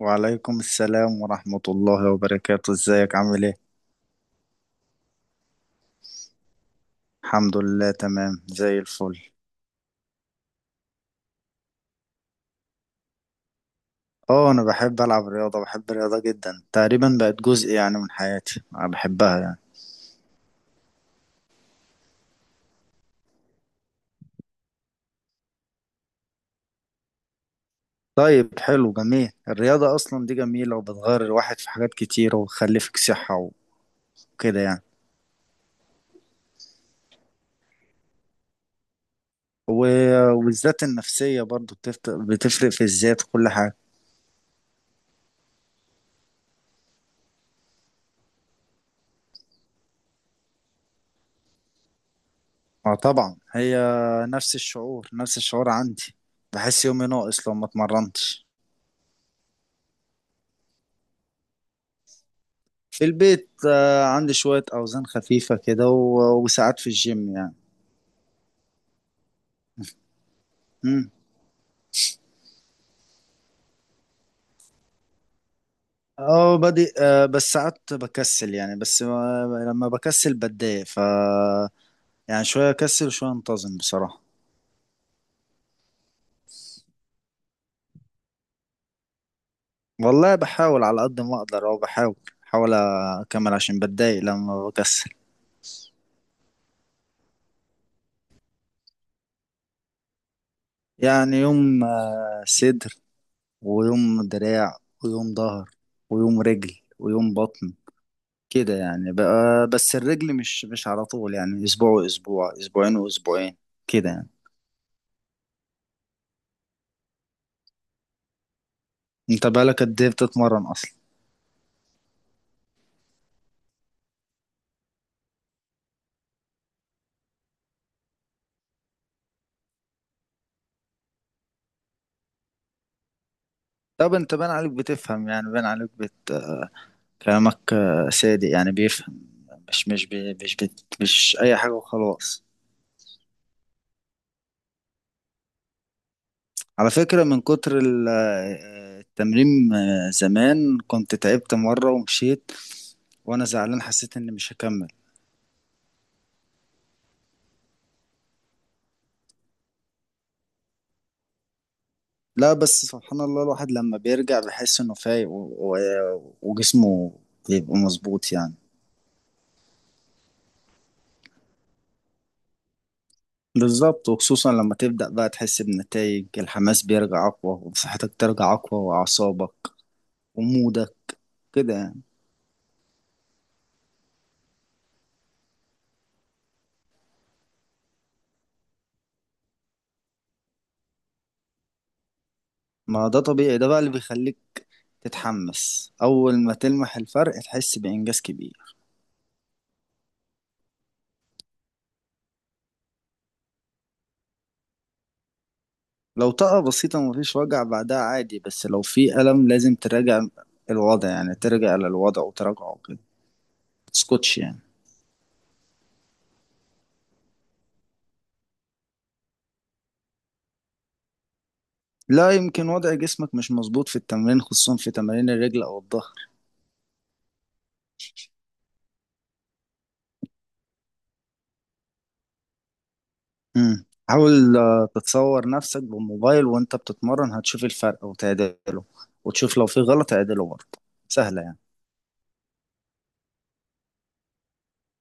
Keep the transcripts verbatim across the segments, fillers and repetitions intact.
وعليكم السلام ورحمة الله وبركاته. ازيك عامل ايه؟ الحمد لله، تمام زي الفل. اه، انا بحب العب رياضة، بحب الرياضة جدا، تقريبا بقت جزء يعني من حياتي، انا بحبها يعني. طيب، حلو، جميل. الرياضة اصلا دي جميلة وبتغير الواحد في حاجات كتيرة وبتخلي فيك صحة وكده يعني. و- والذات النفسية برضو بتفت- بتفرق في الذات وكل حاجة. اه، طبعا هي. نفس الشعور، نفس الشعور عندي. بحس يومي ناقص لو ما اتمرنتش. في البيت. آه، عندي شوية أوزان خفيفة كده و- وساعات في الجيم يعني. مم. اه، بادئ. آه، بس ساعات بكسل يعني، بس آه، لما بكسل بتضايق ف يعني شوية أكسل وشوية أنتظم بصراحة. والله، بحاول على قد ما أقدر، أو بحاول بحاول أكمل عشان بتضايق لما بكسل. يعني يوم آه، صدر، ويوم دراع، ويوم ظهر، ويوم رجل، ويوم بطن، كده يعني. بقى بس الرجل مش مش على طول يعني، اسبوع واسبوع، اسبوعين واسبوعين، كده يعني. انت بقالك قد ايه بتتمرن اصلا؟ طب انت باين عليك بتفهم، يعني باين عليك بت... كلامك آه، صادق يعني، بيفهم. مش مش بي... مش بت... مش اي حاجة وخلاص. على فكرة، من كتر ال- آه، التمرين، آه، زمان كنت تعبت مرة ومشيت وانا زعلان، حسيت اني مش هكمل. لا، بس سبحان الله، الواحد لما بيرجع بيحس انه فايق و... و... وجسمه بيبقى مظبوط يعني. بالظبط، وخصوصا لما تبدأ بقى تحس بنتائج، الحماس بيرجع أقوى وصحتك ترجع أقوى وأعصابك ومودك، كده يعني. ما ده طبيعي، ده بقى اللي بيخليك تتحمس أول ما تلمح الفرق تحس بإنجاز كبير. لو طاقة بسيطة مفيش وجع بعدها عادي، بس لو في ألم لازم تراجع الوضع يعني، ترجع للوضع وتراجعه كده. متسكتش يعني. لا، يمكن وضع جسمك مش مظبوط في التمرين، خصوصا في تمارين الرجل أو الظهر. مم. حاول آه، تتصور نفسك بالموبايل وانت بتتمرن، هتشوف الفرق وتعدله، وتشوف لو في غلط اعدله برضه، سهلة يعني.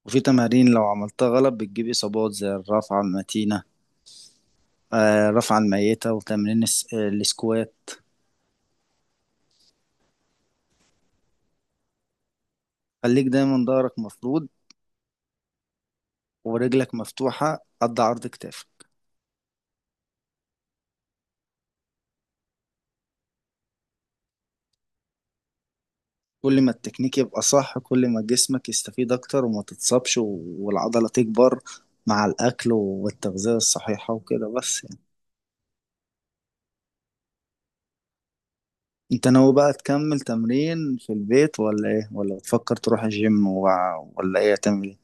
وفي تمارين لو عملتها غلط بتجيب إصابات، زي الرفعة المتينة، آه، الرفعة الميتة وتمرين الس- آه، السكوات. خليك دايما ظهرك مفرود ورجلك مفتوحة قد عرض كتافك. كل ما التكنيك يبقى صح كل ما جسمك يستفيد أكتر وما تتصابش و- والعضلة تكبر، مع الأكل والتغذية الصحيحة وكده بس. انت ناوي بقى تكمل تمرين في البيت ولا ايه؟ ولا بتفكر تروح الجيم و... ولا ايه هتعمل ايه؟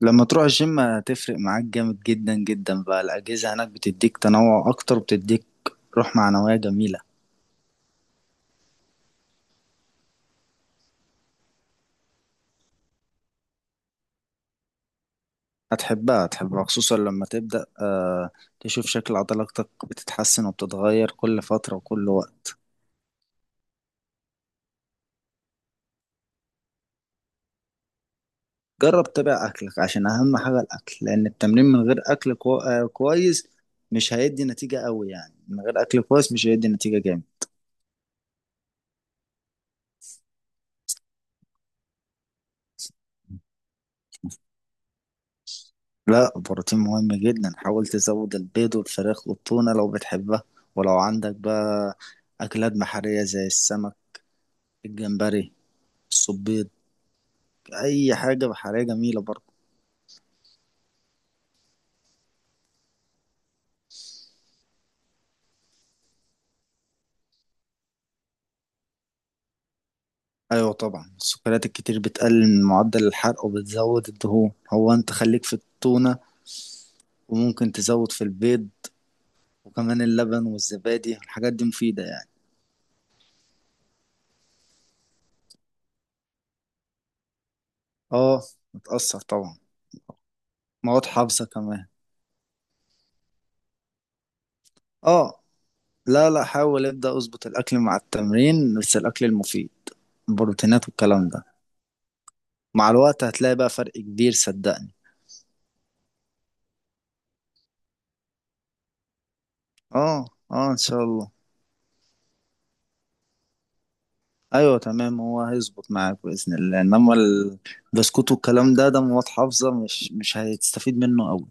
لما تروح الجيم هتفرق معاك جامد جدا جدا، بقى الأجهزة هناك بتديك تنوع أكتر، بتديك روح معنوية جميلة. هتحبها، هتحبها، خصوصا لما تبدأ آه تشوف شكل عضلاتك بتتحسن وبتتغير كل فترة وكل وقت. جرب تتابع أكلك عشان أهم حاجة الأكل، لأن التمرين من غير أكل كو... آه كويس مش هيدي نتيجة قوي، يعني من غير أكل كويس مش هيدي نتيجة جامد. لا، البروتين مهم جدا، حاول تزود البيض والفراخ والتونة لو بتحبها، ولو عندك بقى أكلات بحرية زي السمك، الجمبري، الصبيط، أي حاجة بحرية جميلة برضه. أيوة طبعا، السكريات الكتير بتقلل من معدل الحرق وبتزود الدهون. هو أنت خليك في التونة، وممكن تزود في البيض، وكمان اللبن والزبادي، الحاجات دي مفيدة يعني. اه، بتأثر طبعا، مواد حافظة كمان. اه، لا لا، حاول ابدأ اظبط الاكل مع التمرين، بس الاكل المفيد، البروتينات والكلام ده، مع الوقت هتلاقي بقى فرق كبير، صدقني. اه، اه، ان شاء الله. ايوه، تمام. هو هيظبط معاك باذن الله، انما البسكوت والكلام ده ده مواد حافظه مش مش هتستفيد منه قوي.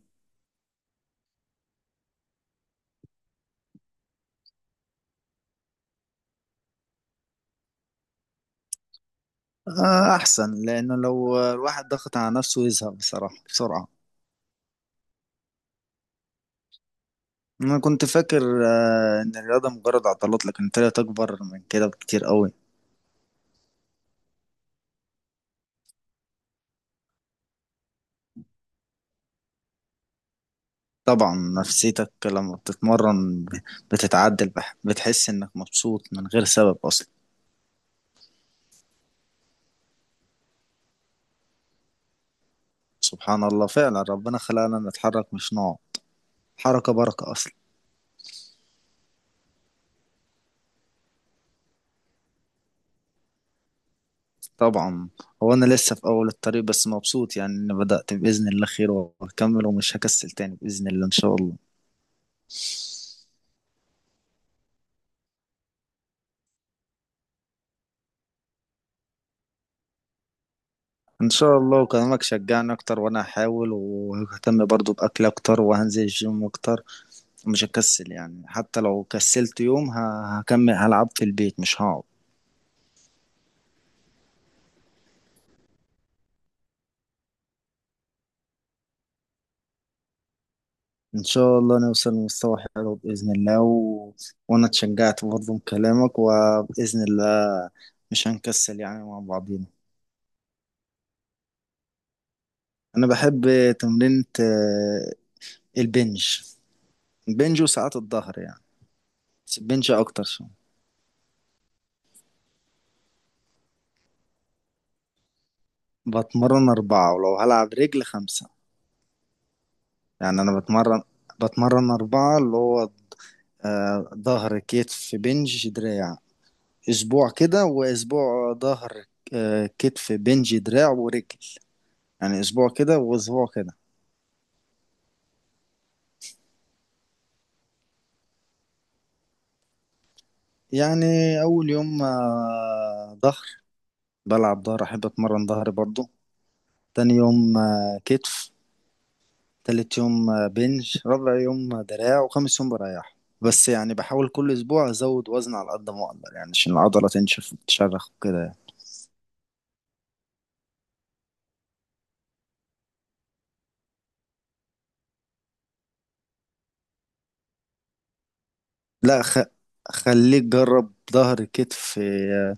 آه، احسن، لانه لو الواحد ضغط على نفسه يزهق بصراحه بسرعه. انا كنت فاكر آه ان الرياضه مجرد عضلات، لكن طلعت اكبر من كده بكتير قوي. طبعا. نفسيتك لما بتتمرن بتتعدل، بح- بتحس انك مبسوط من غير سبب اصلا. سبحان الله، فعلا ربنا خلقنا نتحرك مش نقعد، حركة بركة اصلا. طبعا. هو انا لسه في اول الطريق، بس مبسوط يعني اني بدأت باذن الله خير، وهكمل ومش هكسل تاني باذن الله ان شاء الله. ان شاء الله، وكلامك شجعني اكتر، وانا هحاول وههتم برضو باكل اكتر وهنزل الجيم اكتر، ومش هكسل يعني. حتى لو كسلت يوم ه- هكمل هلعب في البيت مش هقعد. إن شاء الله نوصل لمستوى حلو بإذن الله، و... وأنا اتشجعت برضه من كلامك، وبإذن الله مش هنكسل يعني مع بعضينا. أنا بحب تمرينة آه، البنج. البنج وساعات الظهر يعني، بس البنج أكتر شوية. بتمرن أربعة، ولو هلعب رجل خمسة. يعني أنا بتمرن بتمرن أربعة، اللي هو آه، ظهر، كتف، بنج، دراع. أسبوع كده، وأسبوع ظهر، آه، كتف، بنج، دراع ورجل. يعني أسبوع كده وأسبوع كده يعني. اول يوم آه، ظهر، بلعب ظهر، احب اتمرن ظهر برضو. تاني يوم آه، كتف. تالت يوم آه، بنج. رابع يوم آه، دراع. وخامس يوم بريح، بس يعني بحاول كل اسبوع ازود وزن على قد ما اقدر، يعني عشان العضله تنشف وتشرخ وكده يعني. لا، خ... خليك جرب ظهر، كتف، آه،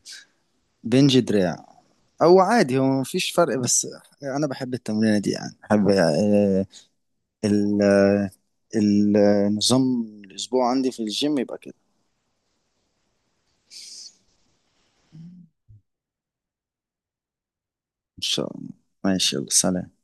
بنج، دراع. او عادي هو مفيش فرق، بس انا بحب التمرينه دي يعني، بحب آه، ال- آه، النظام. الأسبوع عندي في الجيم يبقى كده. ان شاء الله. ماشي، يلا سلام.